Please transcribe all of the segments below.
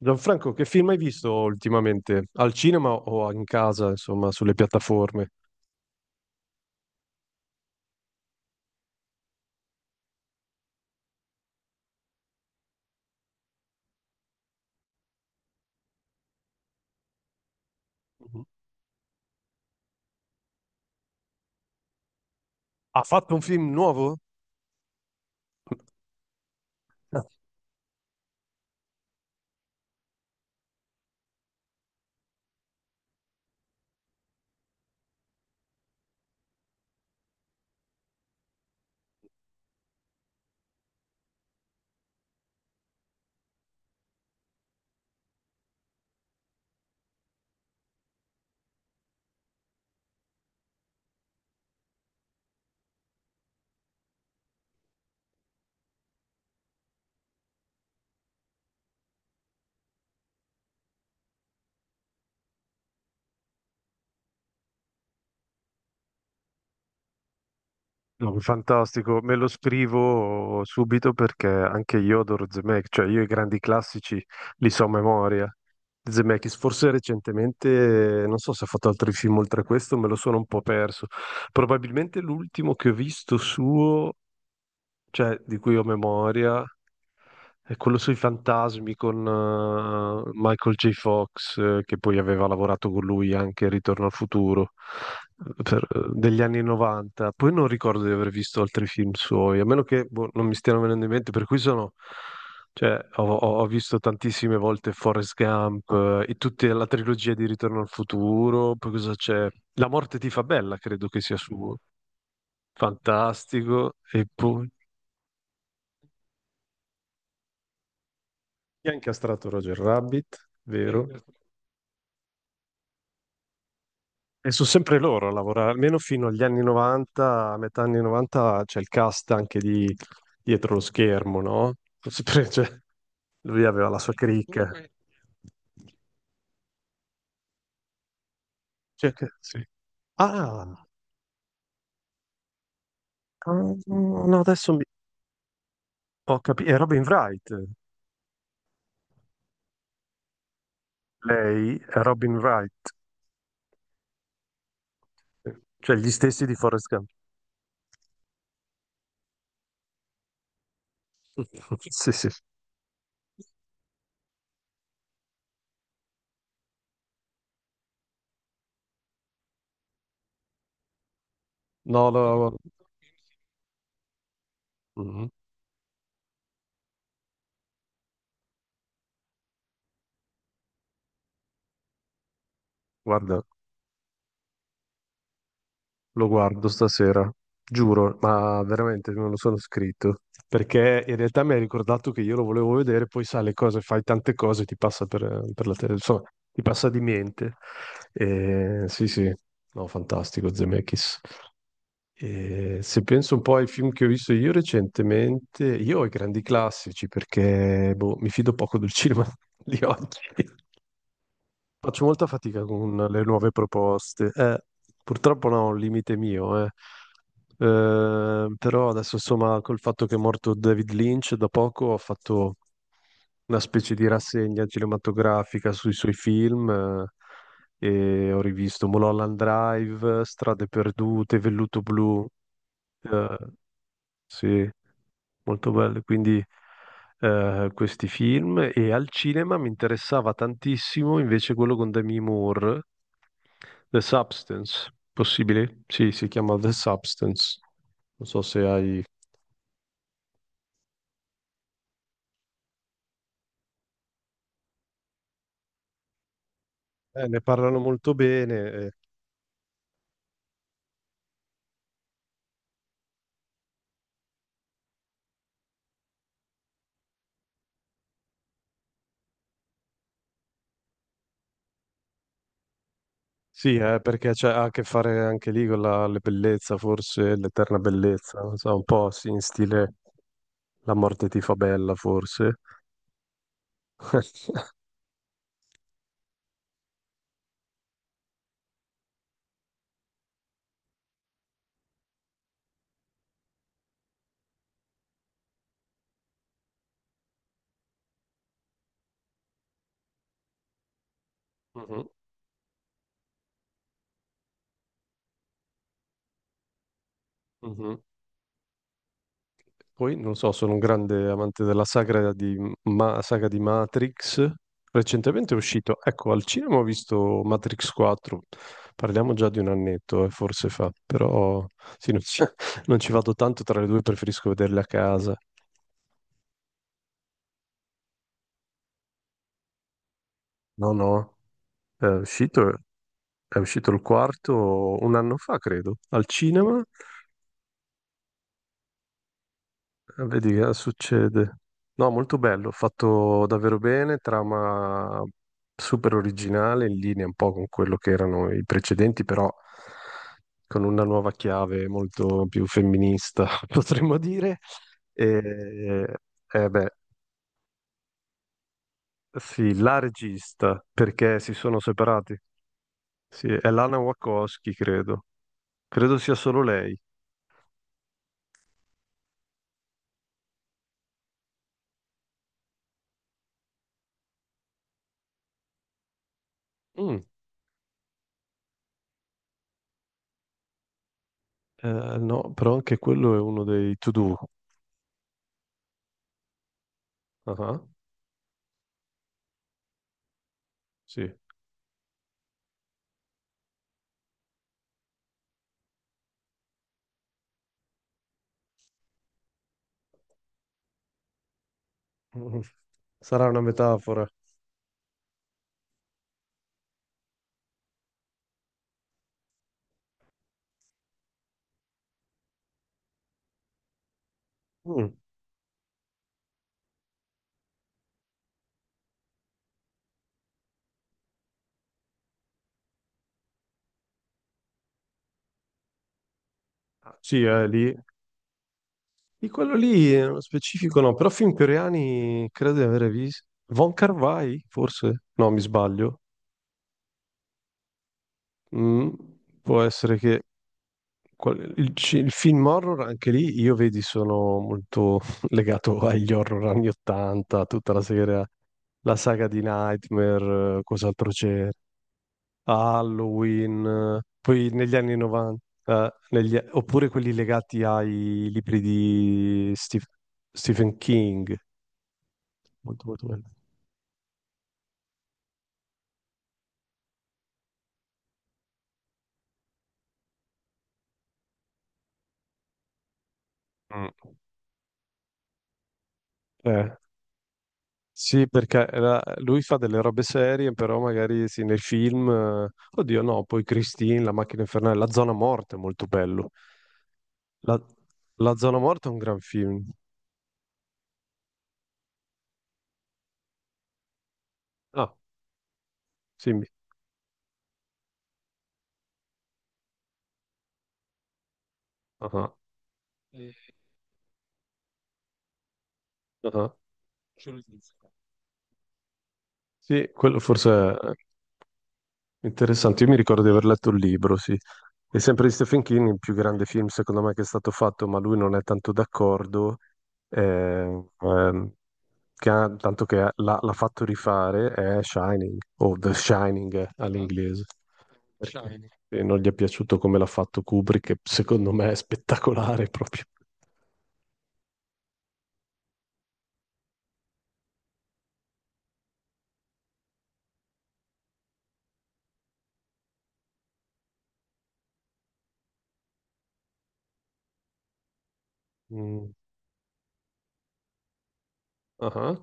Gianfranco, che film hai visto ultimamente? Al cinema o in casa, insomma, sulle piattaforme? Mhm. Ha fatto un film nuovo? Ah. No, fantastico, me lo scrivo subito perché anche io adoro Zemeckis, cioè io i grandi classici li so a memoria. Zemeckis, forse recentemente, non so se ha fatto altri film oltre a questo, me lo sono un po' perso. Probabilmente l'ultimo che ho visto suo, cioè, di cui ho memoria, è quello sui fantasmi con Michael J. Fox, che poi aveva lavorato con lui anche in Ritorno al futuro, degli anni 90. Poi non ricordo di aver visto altri film suoi, a meno che boh, non mi stiano venendo in mente, per cui sono. Cioè, ho visto tantissime volte Forrest Gump e tutta la trilogia di Ritorno al futuro. Poi cosa c'è? La morte ti fa bella, credo che sia suo. Fantastico. E poi, Chi ha incastrato Roger Rabbit, sì, vero? E sono sempre loro a lavorare, almeno fino agli anni 90, a metà anni 90 c'è il cast anche di dietro lo schermo, no? Sono sempre, cioè, lui aveva la sua cricca. Comunque. Cioè, sì. Ah, ah, no, adesso ho capito, è Robin Wright, lei è Robin Wright, cioè gli stessi di Forrest Gump. Sì, sì. No, no, no, no. Mhm. Guarda. Lo guardo stasera, giuro, ma veramente me lo sono scritto. Perché in realtà mi hai ricordato che io lo volevo vedere, poi sai le cose, fai tante cose, ti passa per la tele, insomma, ti passa di mente. E, sì, sì, no, fantastico Zemeckis. E se penso un po' ai film che ho visto io recentemente, io ho i grandi classici perché boh, mi fido poco del cinema di oggi. Faccio molta fatica con le nuove proposte. Purtroppo no, è un limite mio, eh. Però adesso insomma col fatto che è morto David Lynch da poco ho fatto una specie di rassegna cinematografica sui suoi film, e ho rivisto Mulholland Drive, Strade Perdute, Velluto Blu, eh, sì, molto belle, quindi questi film e al cinema mi interessava tantissimo invece quello con Demi Moore, The Substance, possibile? Sì, si chiama The Substance. Non so se hai. Ne parlano molto bene. eh. Sì, perché c'è ha a che fare anche lì con la bellezza, forse, l'eterna bellezza, non so, un po' sì, in stile La morte ti fa bella, forse. Mhm, mhm. Poi, non lo so, sono un grande amante della saga di Matrix. Recentemente è uscito, ecco, al cinema ho visto Matrix 4. Parliamo già di un annetto, forse fa, però sì, non ci, non ci vado tanto tra le due, preferisco vederle a casa. No, no, è uscito, è uscito il quarto un anno fa, credo, al cinema. Vedi che succede. No, molto bello, fatto davvero bene, trama super originale, in linea un po' con quello che erano i precedenti, però con una nuova chiave molto più femminista, potremmo dire. E, eh beh, sì, la regista, perché si sono separati. Sì, è Lana Wachowski, credo. Credo sia solo lei. Mm, no, però anche quello è uno dei to-do. Ah, sì. Mm. Sarà una metafora. Mm. Ah, sì, è lì. Di quello lì, nello specifico no, però film coreani credo di avere visto. Von Carvai, forse? No, mi sbaglio. Mm, può essere che il film horror, anche lì, io vedi, sono molto legato agli horror anni 80, tutta la serie, la saga di Nightmare, cos'altro c'era. Halloween, poi negli anni 90, oppure quelli legati ai libri di Stephen King. Molto, molto bello. Mm. Eh, sì, perché lui fa delle robe serie, però magari sì, nei film, oddio no, poi Christine, La macchina infernale, La zona morta è molto bello. La, La zona morta è un gran film. Ah, sì, ah, ah, ah. Sì, quello forse è interessante, io mi ricordo di aver letto il libro, sì. È sempre di Stephen King, il più grande film secondo me che è stato fatto, ma lui non è tanto d'accordo, eh, ehm, tanto che l'ha fatto rifare, è Shining, o The Shining all'inglese, perché non gli è piaciuto come l'ha fatto Kubrick, che secondo me è spettacolare proprio. Mm, ah,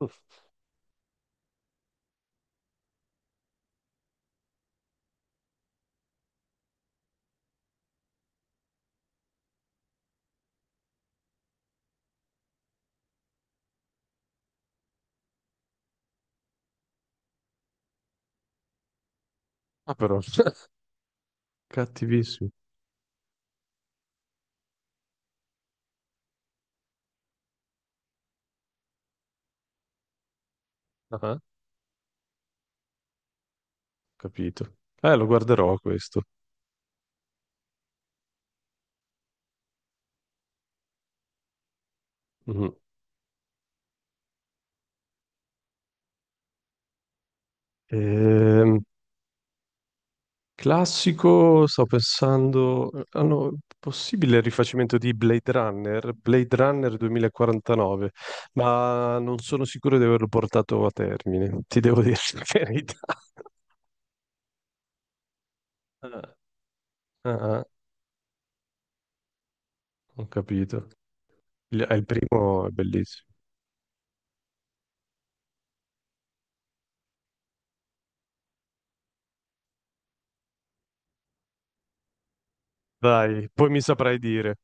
ah, ah, però, cattivissimo. Ah, ah. Capito. Lo guarderò questo. Mhm. Ehm, Classico, sto pensando, hanno possibile il rifacimento di Blade Runner, Blade Runner 2049, ma non sono sicuro di averlo portato a termine, ti devo dire la verità. Ah, ah, ah, ho capito. È il primo, è bellissimo. Dai, poi mi saprai dire.